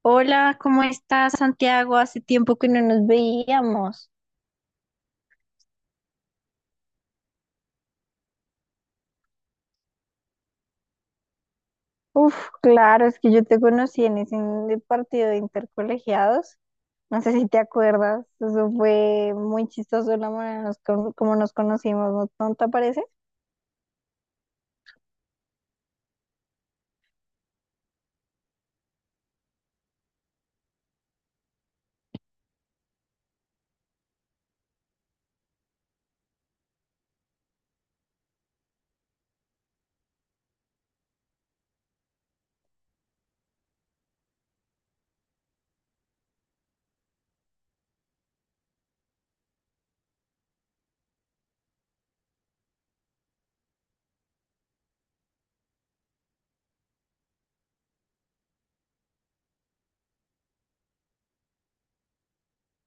Hola, ¿cómo estás, Santiago? Hace tiempo que no nos veíamos. Uf, claro, es que yo te conocí en ese partido de intercolegiados. No sé si te acuerdas, eso fue muy chistoso la manera nos como nos conocimos, ¿no? ¿No te parece?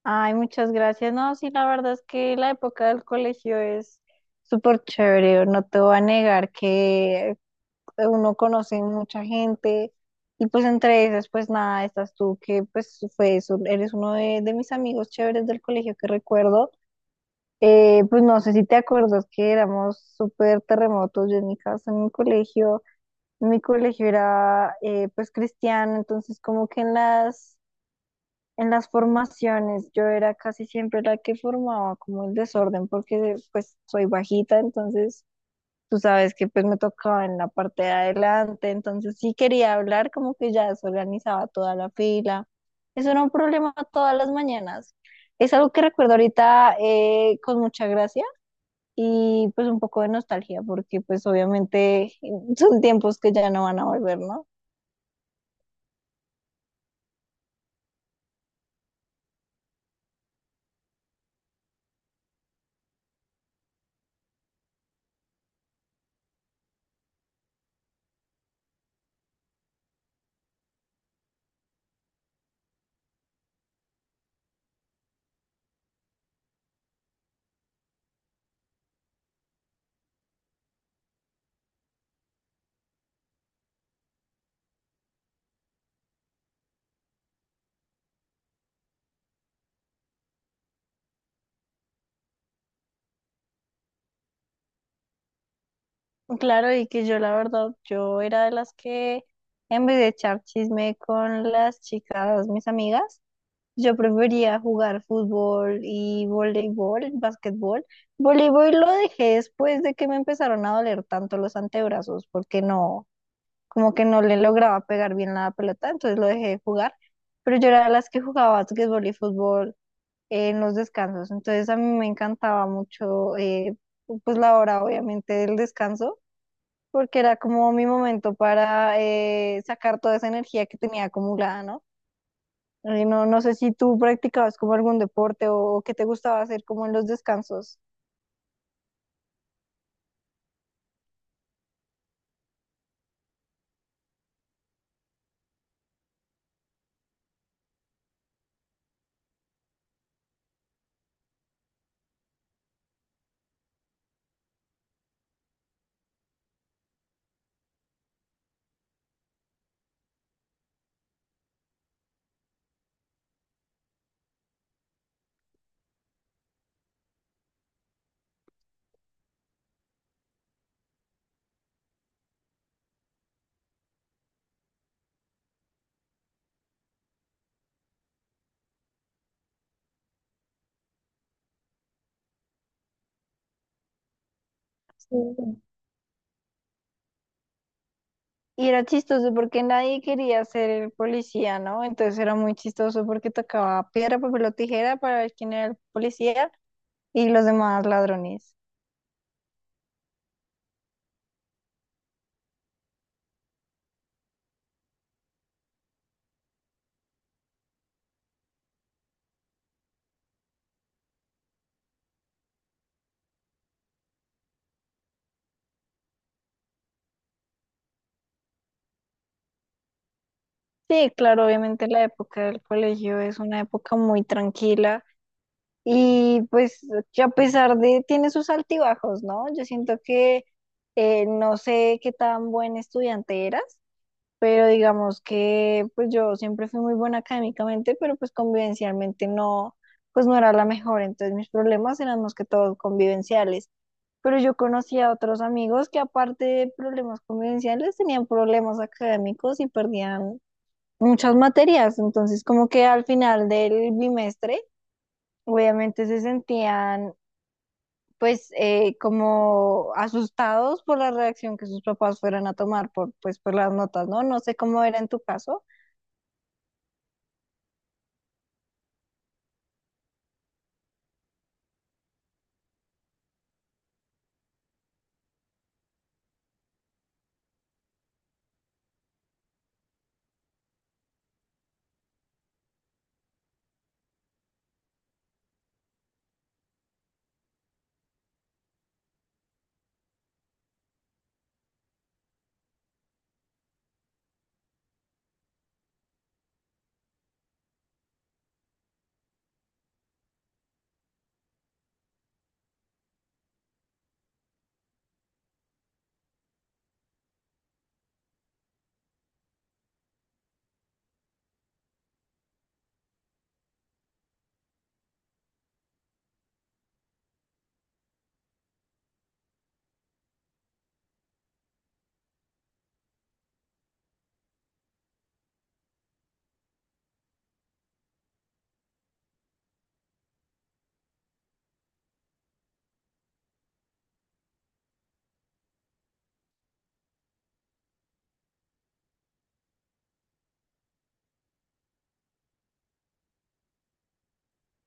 Ay, muchas gracias. No, sí, la verdad es que la época del colegio es súper chévere. No te voy a negar que pues, uno conoce mucha gente y pues entre esas, pues nada, estás tú que pues fue eso, eres uno de mis amigos chéveres del colegio que recuerdo. Pues no sé si te acuerdas que éramos súper terremotos, yo en mi casa, en mi colegio era pues cristiano, entonces como que en las formaciones yo era casi siempre la que formaba como el desorden porque pues soy bajita, entonces tú sabes que pues me tocaba en la parte de adelante, entonces sí quería hablar, como que ya desorganizaba toda la fila. Eso era un problema todas las mañanas. Es algo que recuerdo ahorita con mucha gracia y pues un poco de nostalgia, porque pues obviamente son tiempos que ya no van a volver, ¿no? Claro, y que yo la verdad, yo era de las que en vez de echar chisme con las chicas, mis amigas, yo prefería jugar fútbol y voleibol, básquetbol. Voleibol lo dejé después de que me empezaron a doler tanto los antebrazos, porque no, como que no le lograba pegar bien la pelota, entonces lo dejé de jugar. Pero yo era de las que jugaba básquetbol y fútbol en los descansos, entonces a mí me encantaba mucho, pues la hora obviamente del descanso, porque era como mi momento para sacar toda esa energía que tenía acumulada, ¿no? Ay, no, no sé si tú practicabas como algún deporte o qué te gustaba hacer como en los descansos. Sí. Y era chistoso porque nadie quería ser el policía, ¿no? Entonces era muy chistoso porque tocaba piedra, papel o tijera para ver quién era el policía y los demás ladrones. Sí, claro, obviamente la época del colegio es una época muy tranquila y pues que a pesar de, tiene sus altibajos, ¿no? Yo siento que no sé qué tan buen estudiante eras, pero digamos que pues yo siempre fui muy buena académicamente, pero pues convivencialmente no, pues no era la mejor, entonces mis problemas eran más que todos convivenciales. Pero yo conocía a otros amigos que aparte de problemas convivenciales tenían problemas académicos y perdían muchas materias, entonces como que al final del bimestre obviamente se sentían pues como asustados por la reacción que sus papás fueran a tomar por pues por las notas, ¿no? No sé cómo era en tu caso.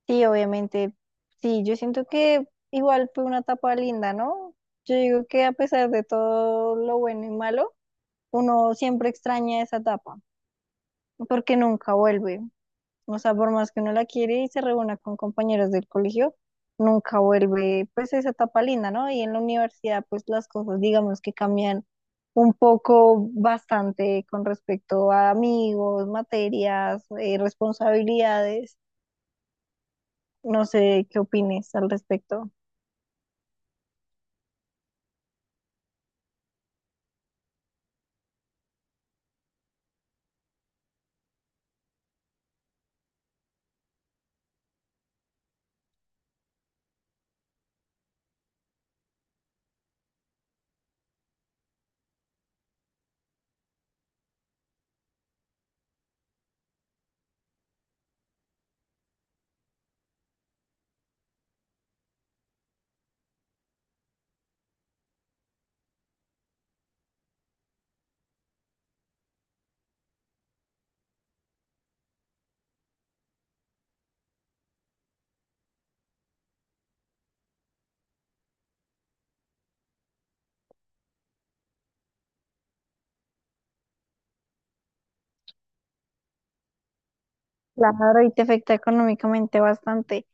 Sí, obviamente. Sí, yo siento que igual fue una etapa linda, ¿no? Yo digo que a pesar de todo lo bueno y malo, uno siempre extraña esa etapa, porque nunca vuelve. O sea, por más que uno la quiere y se reúna con compañeros del colegio, nunca vuelve, pues esa etapa linda, ¿no? Y en la universidad, pues las cosas, digamos que cambian un poco bastante con respecto a amigos, materias, responsabilidades. No sé qué opines al respecto. Claro, y te afecta económicamente bastante.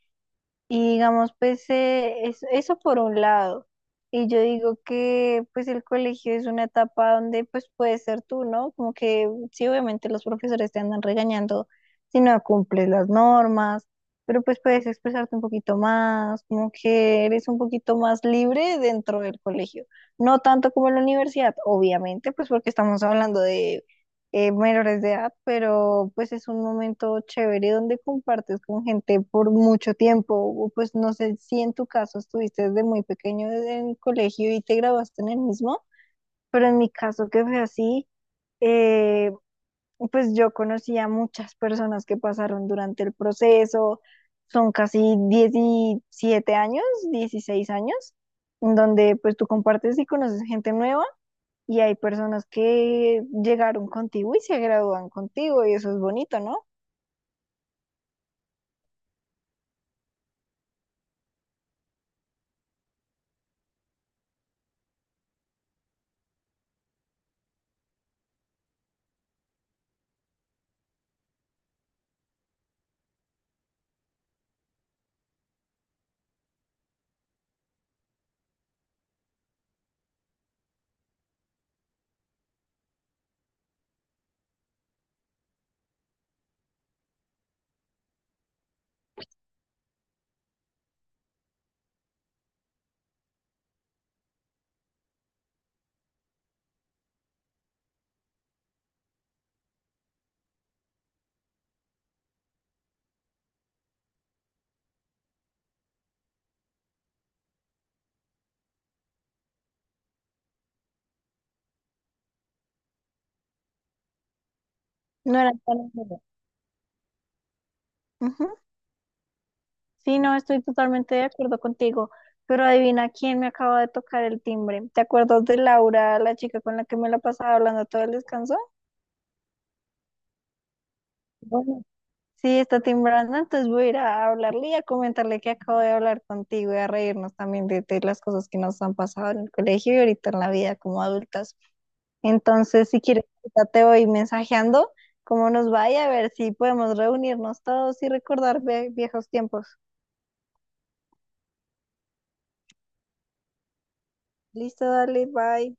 Y digamos, pues eso por un lado. Y yo digo que pues el colegio es una etapa donde pues puedes ser tú, ¿no? Como que sí, obviamente los profesores te andan regañando si no cumples las normas, pero pues puedes expresarte un poquito más, como que eres un poquito más libre dentro del colegio. No tanto como en la universidad, obviamente, pues porque estamos hablando menores de edad, pero pues es un momento chévere donde compartes con gente por mucho tiempo. O pues no sé si en tu caso estuviste desde muy pequeño en el colegio y te graduaste en el mismo, pero en mi caso que fue así, eh, pues yo conocí a muchas personas que pasaron durante el proceso, son casi 17 años, 16 años, en donde pues tú compartes y conoces gente nueva y hay personas que llegaron contigo y se gradúan contigo, y eso es bonito, ¿no? No era tan bueno. Ujú. Sí, no, estoy totalmente de acuerdo contigo, pero adivina quién me acaba de tocar el timbre. ¿Te acuerdas de Laura, la chica con la que me la pasaba hablando todo el descanso? Bueno, sí, está timbrando, entonces voy a ir a hablarle y a comentarle que acabo de hablar contigo y a reírnos también de las cosas que nos han pasado en el colegio y ahorita en la vida como adultas. Entonces, si quieres, ahorita te voy mensajeando cómo nos vaya, a ver si podemos reunirnos todos y recordar viejos tiempos. Listo, dale, bye.